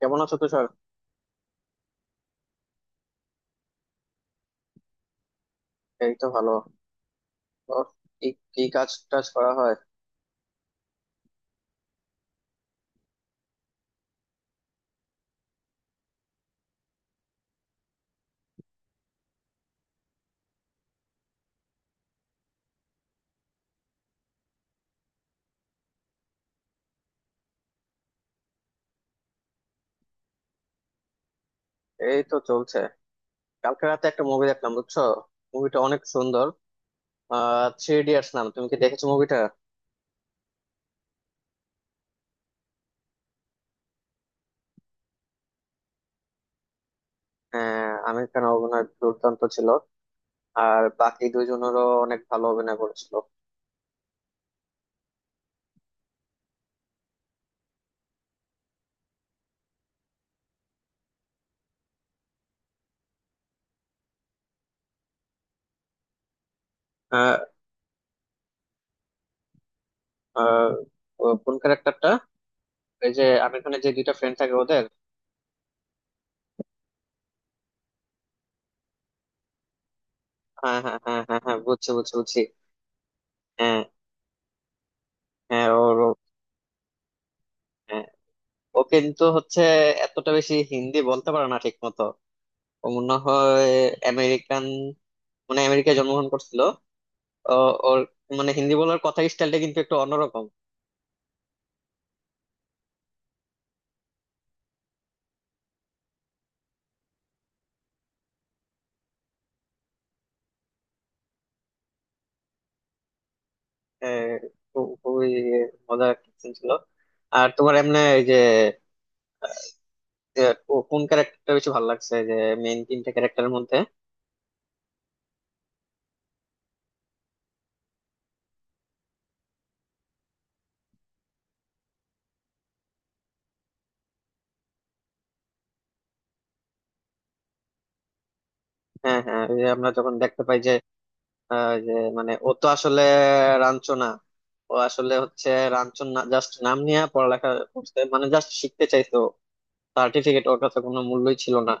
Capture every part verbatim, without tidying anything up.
কেমন আছো, তুষার? এই তো ভালো। ওর কি কি কাজ টাজ করা হয়? এই তো চলছে। কালকে রাতে একটা মুভি দেখলাম, বুঝছো, মুভিটা অনেক সুন্দর। আহ থ্রি ইডিয়টস নাম, তুমি কি দেখেছো মুভিটা? হ্যাঁ, আমির খান অভিনয় দুর্দান্ত ছিল। আর বাকি দুইজনেরও অনেক ভালো অভিনয় করেছিল। আহ আহ, ও কোন ক্যারেক্টারটা? এই যে আমির খানের যে দুইটা ফ্রেন্ড থাকে ওদের? হ্যাঁ হ্যাঁ হ্যাঁ হ্যাঁ হ্যাঁ, বুঝছি বুঝছি বুঝছি। হ্যাঁ হ্যাঁ, ওর ও। হ্যাঁ, ও কিন্তু হচ্ছে এতটা বেশি হিন্দি বলতে পারে না ঠিক মতো। ও মনে হয় আমেরিকান, মানে আমেরিকায় জন্মগ্রহণ করছিল। ও ওর, মানে হিন্দি বলার কথার স্টাইলটা কিন্তু একটু অন্যরকম। আহ, খু- খুবই মজার একটা ছিল। আর তোমার এমনি এই যে, যে কো- কোন ক্যারেক্টারটা বেশি ভালো লাগছে যে, মেইন তিনটা ক্যারেক্টারের মধ্যে? হ্যাঁ হ্যাঁ, ওই যে আমরা যখন দেখতে পাই যে, আহ, যে মানে ও তো আসলে রাঞ্চো না, ও আসলে হচ্ছে রাঞ্চো না, জাস্ট নাম নিয়ে পড়ালেখা করছে, মানে জাস্ট শিখতে চাইতো। সার্টিফিকেট ওর কাছে কোনো মূল্যই ছিল না।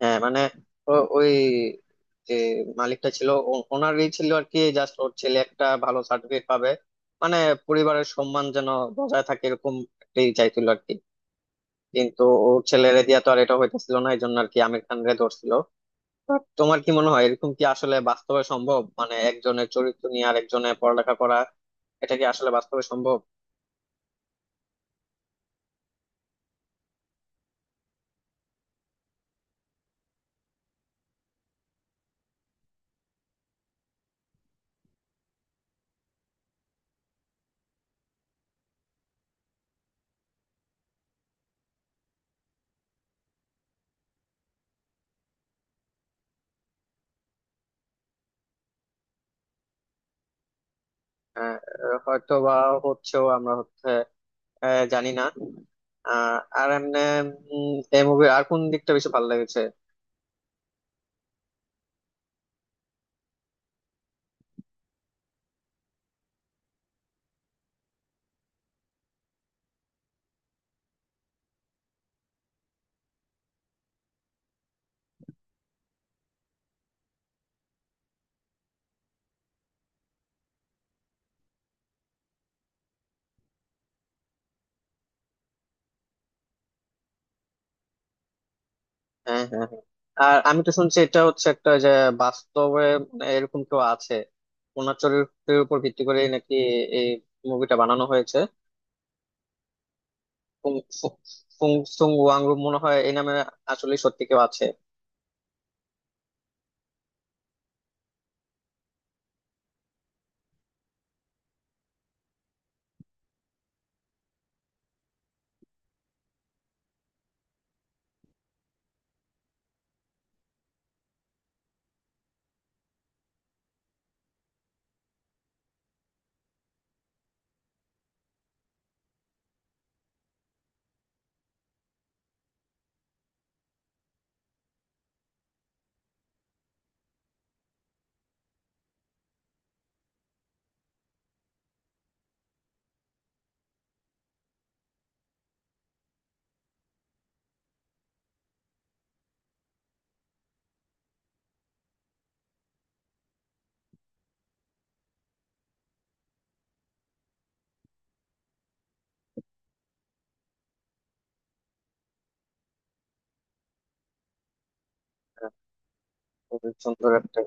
হ্যাঁ মানে ও- ওই যে মালিকটা ছিল, ও- ওনারই ছিল আর কি, জাস্ট ওর ছেলে একটা ভালো সার্টিফিকেট পাবে, মানে পরিবারের সম্মান যেন বজায় থাকে, এরকম একটাই চাইছিল আর কি। কিন্তু ওর ছেলেরে দিয়া তো আর এটা হইতেছিল না, এই জন্য আর কি আমির খান রে ধরছিল। But তোমার কি মনে হয় এরকম কি আসলে বাস্তবে সম্ভব, মানে একজনের চরিত্র নিয়ে আর একজনের পড়ালেখা করা, এটা কি আসলে বাস্তবে সম্ভব? আহ হয়তো বা হচ্ছেও, আমরা হচ্ছে, আহ, জানি না। আহ, আর এমনি এই মুভির আর কোন দিকটা বেশি ভালো লেগেছে? হ্যাঁ হ্যাঁ হ্যাঁ। আর আমি তো শুনছি এটা হচ্ছে একটা যে বাস্তবে, মানে এরকম কেউ আছে ওনার চরিত্রের উপর ভিত্তি করে নাকি এই মুভিটা বানানো হয়েছে। ফুং ফুং- ফুং- সুং ওয়াংরু মনে হয় এই নামে, আসলে সত্যি কেউ আছে? হ্যাঁ, খুবই সুন্দর একটা।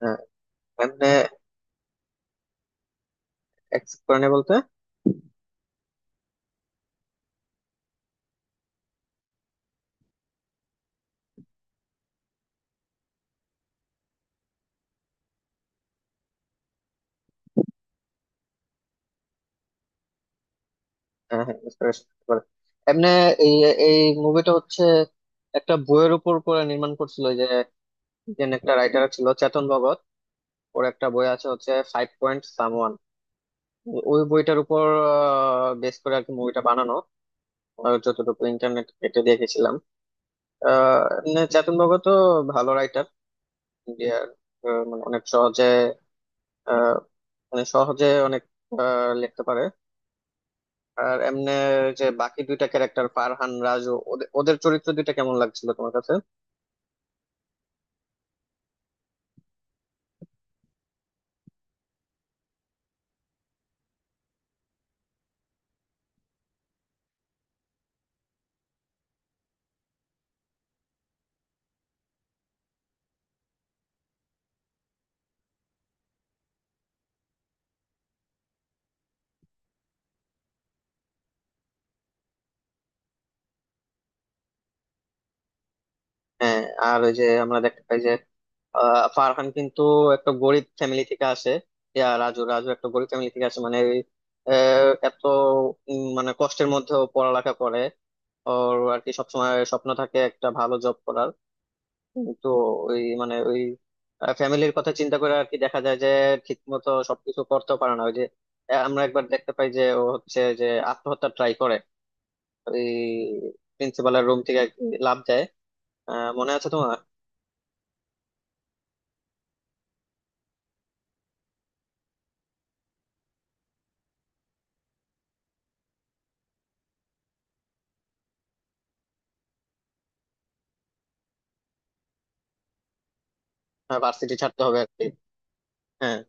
হ্যাঁ। এমনি এক্সেপ্ট করে নি বলতে? হ্যাঁ হ্যাঁ inspiration করে। এমনি এই এই মুভিটা হচ্ছে একটা বইয়ের উপর করে নির্মাণ করছিল। ইন্ডিয়ান একটা রাইটার ছিল, চেতন ভগত, ওর একটা বই আছে হচ্ছে ফাইভ পয়েন্ট সামওয়ান, ওই বইটার উপর বেস করে আর কি মুভিটা বানানো, আহ, যতটুকু ইন্টারনেট কেটে দেখেছিলাম। আহ, এমনি চেতন ভগত ভালো রাইটার ইন্ডিয়ার, আহ, মানে অনেক সহজে, আহ, মানে সহজে অনেক আহ, লিখতে পারে। আর এমনি যে বাকি দুইটা ক্যারেক্টার ফারহান রাজু, ওদের ওদের চরিত্র দুইটা কেমন লাগছিল তোমার কাছে? হ্যাঁ। আর ওই যে আমরা দেখতে পাই যে, আহ ফারহান কিন্তু একটা গরিব ফ্যামিলি থেকে আসে, ইয়া রাজু রাজু একটা গরিব ফ্যামিলি থেকে আসে, মানে আহ, এত উম, মানে কষ্টের মধ্যেও পড়ালেখা করে। ওর আর কি সবসময় স্বপ্ন থাকে একটা ভালো জব করার, কিন্তু ওই মানে ওই ফ্যামিলির কথা চিন্তা করে আর কি দেখা যায় যে ঠিক মতো সবকিছু করতেও পারে না। ওই যে আহ, আমরা একবার দেখতে পাই যে ও হচ্ছে যে আত্মহত্যা ট্রাই করে, ওই প্রিন্সিপালের রুম থেকে আর কি লাফ দেয়, আহ, মনে আছে তোমার? ভার্সিটি ছাড়তে হবে আর কি। হ্যাঁ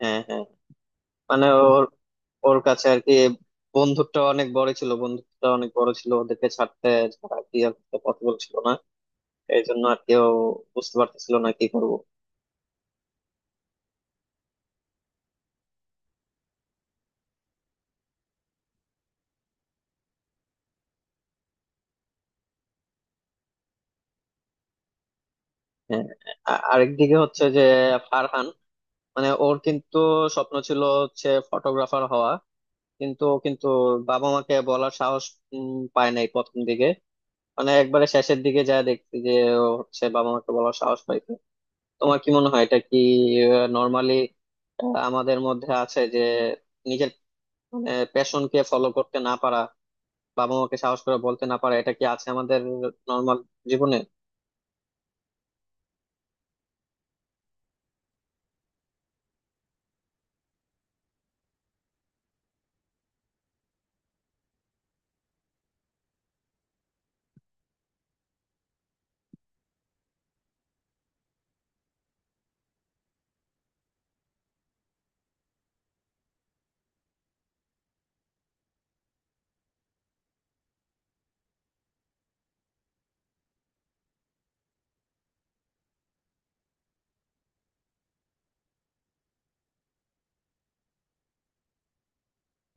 হ্যাঁ হ্যাঁ। মানে ওর ওর কাছে আর কি বন্ধুত্বটা অনেক বড় ছিল, বন্ধুত্বটা অনেক বড় ছিল, ওদেরকে ছাড়তে, ছাড়া কি আর পসিবল ছিল না, এই জন্য আর কেউ বুঝতে পারতেছিল না কি করবো। হ্যাঁ। আ- আরেকদিকে হচ্ছে যে ফারহান, মানে ওর কিন্তু স্বপ্ন ছিল হচ্ছে ফটোগ্রাফার হওয়া, কিন্তু ও কিন্তু বাবা মাকে বলার সাহস উম, পায় নাই প্রথম দিকে। মানে একবারে শেষের দিকে যা দেখছি যে ও হচ্ছে বাবা মাকে বলার সাহস পাই। তোমার কি মনে হয় এটা কি নর্মালি আমাদের মধ্যে আছে যে নিজের প্যাশনকে ফলো করতে না পারা, বাবা মাকে সাহস করে বলতে না পারা, এটা কি আছে আমাদের নর্মাল জীবনে?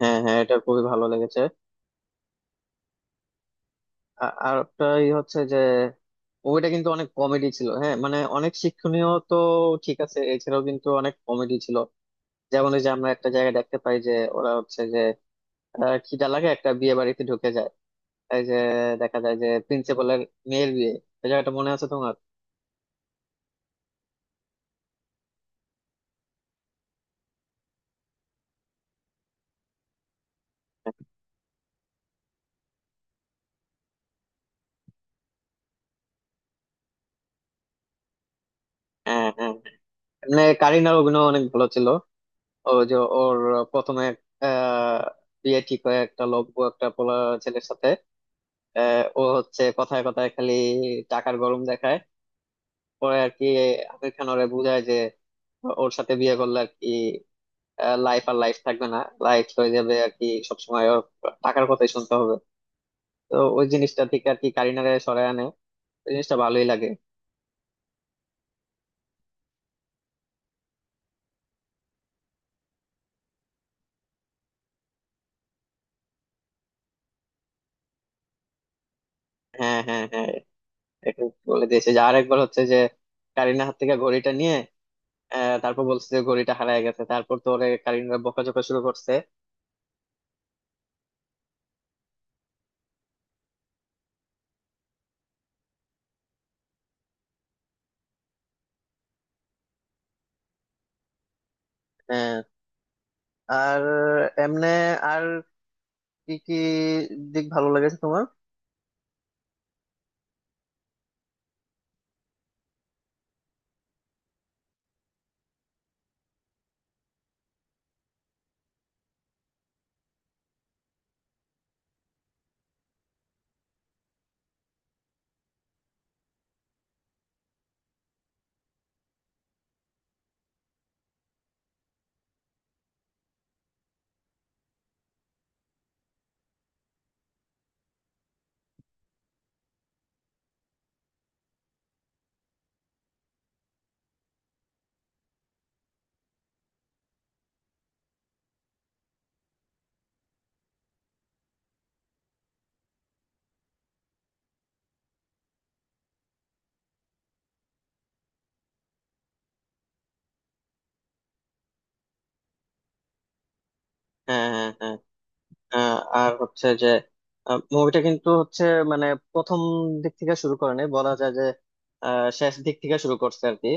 হ্যাঁ হ্যাঁ, এটা খুবই ভালো লেগেছে। আ- আর একটাই হচ্ছে যে মুভিটা কিন্তু অনেক কমেডি ছিল। হ্যাঁ মানে অনেক শিক্ষণীয় তো ঠিক আছে, এছাড়াও কিন্তু অনেক কমেডি ছিল। যেমন এই যে আমরা একটা জায়গায় দেখতে পাই যে ওরা হচ্ছে যে আহ, খিদা লাগে একটা বিয়ে বাড়িতে ঢুকে যায়, এই যে দেখা যায় যে প্রিন্সিপালের মেয়ের বিয়ে, এই জায়গাটা মনে আছে তোমার? হ্যাঁ হ্যাঁ। মানে কারিনার অভিনয় অনেক ভালো ছিল। ও যে ওর প্রথমে আহ, বিয়ে ঠিক হয় একটা লোক, একটা পোলা, ছেলের সাথে। আহ, ও হচ্ছে কথায় কথায় খালি টাকার গরম দেখায়। পরে আর কি আমির খান ওরে বুঝায় যে ওর সাথে বিয়ে করলে আর কি লাইফ আর লাইফ থাকবে না, লাইফ হয়ে যাবে আর কি সবসময় ওর টাকার কথাই শুনতে হবে। তো ওই জিনিসটা থেকে আর কি কারিনারে সরায় আনে, ওই জিনিসটা ভালোই লাগে। হ্যাঁ হ্যাঁ হ্যাঁ। এটা বলে দিয়েছে যে আরেকবার হচ্ছে যে কারিনার হাত থেকে ঘড়িটা নিয়ে, আহ, তারপর বলছে যে ঘড়িটা হারায় গেছে, তারপর তো ওরে কারিনা বকাঝকা শুরু করছে। আহ, আর এমনে আর কি কি দিক ভালো লেগেছে তোমার? হ্যাঁ হ্যাঁ হ্যাঁ। আহ, আর হচ্ছে যে মুভিটা কিন্তু হচ্ছে মানে প্রথম দিক থেকে শুরু করে নাই, বলা যায় যে আহ, শেষ দিক থেকে শুরু করছে আর কি।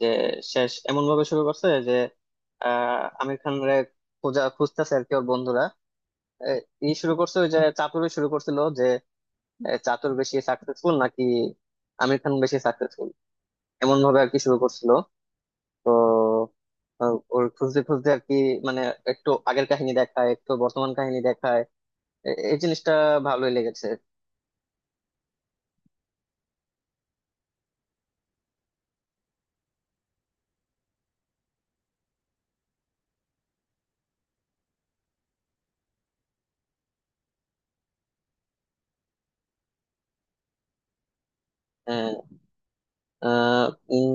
যে শেষ এমন ভাবে শুরু করছে যে আহ আমির খান রে খোঁজা খুঁজতেছে আর কি ওর বন্ধুরা। এ, ই শুরু করছে ওই যে চাতুরে শুরু করছিল যে, এ, চাতুর বেশি সাকসেসফুল নাকি আমির খান বেশি সাকসেসফুল, এমন ভাবে আর কি শুরু করছিল। তো আহ, ওর খুঁজতে খুঁজতে আর কি মানে একটু আগের কাহিনী দেখায় একটু বর্তমান কাহিনী দেখায়, এ- এই জিনিসটা ভালোই লেগেছে। হ্যাঁ। আহ, উম,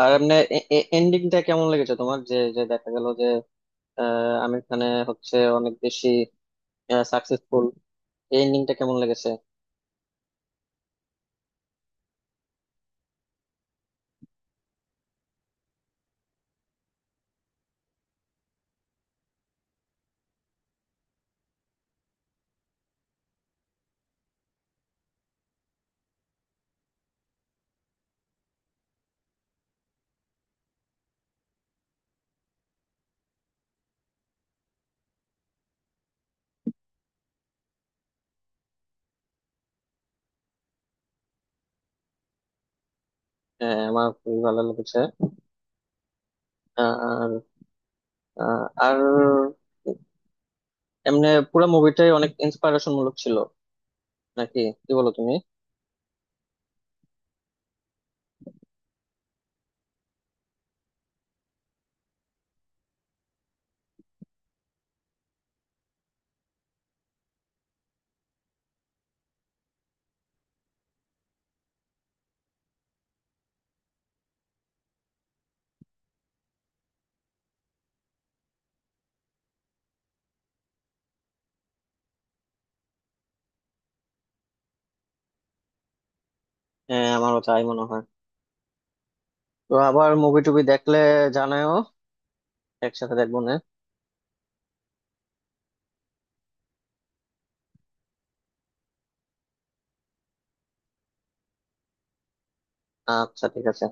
আর এমনি এন্ডিংটা কেমন লেগেছে তোমার, যে যে দেখা গেল যে আহ, আমির খানে হচ্ছে অনেক বেশি সাকসেসফুল, এই এন্ডিংটা কেমন লেগেছে? হ্যাঁ, আমার খুবই ভালো লেগেছে। আর আহ, আর এমনি পুরো মুভিটাই অনেক ইন্সপিরেশন মূলক ছিল নাকি, কি বলো তুমি? হ্যাঁ আমারও তাই মনে হয়। তো আবার মুভি টুবি দেখলে জানাও, একসাথে দেখবো না। আচ্ছা ঠিক আছে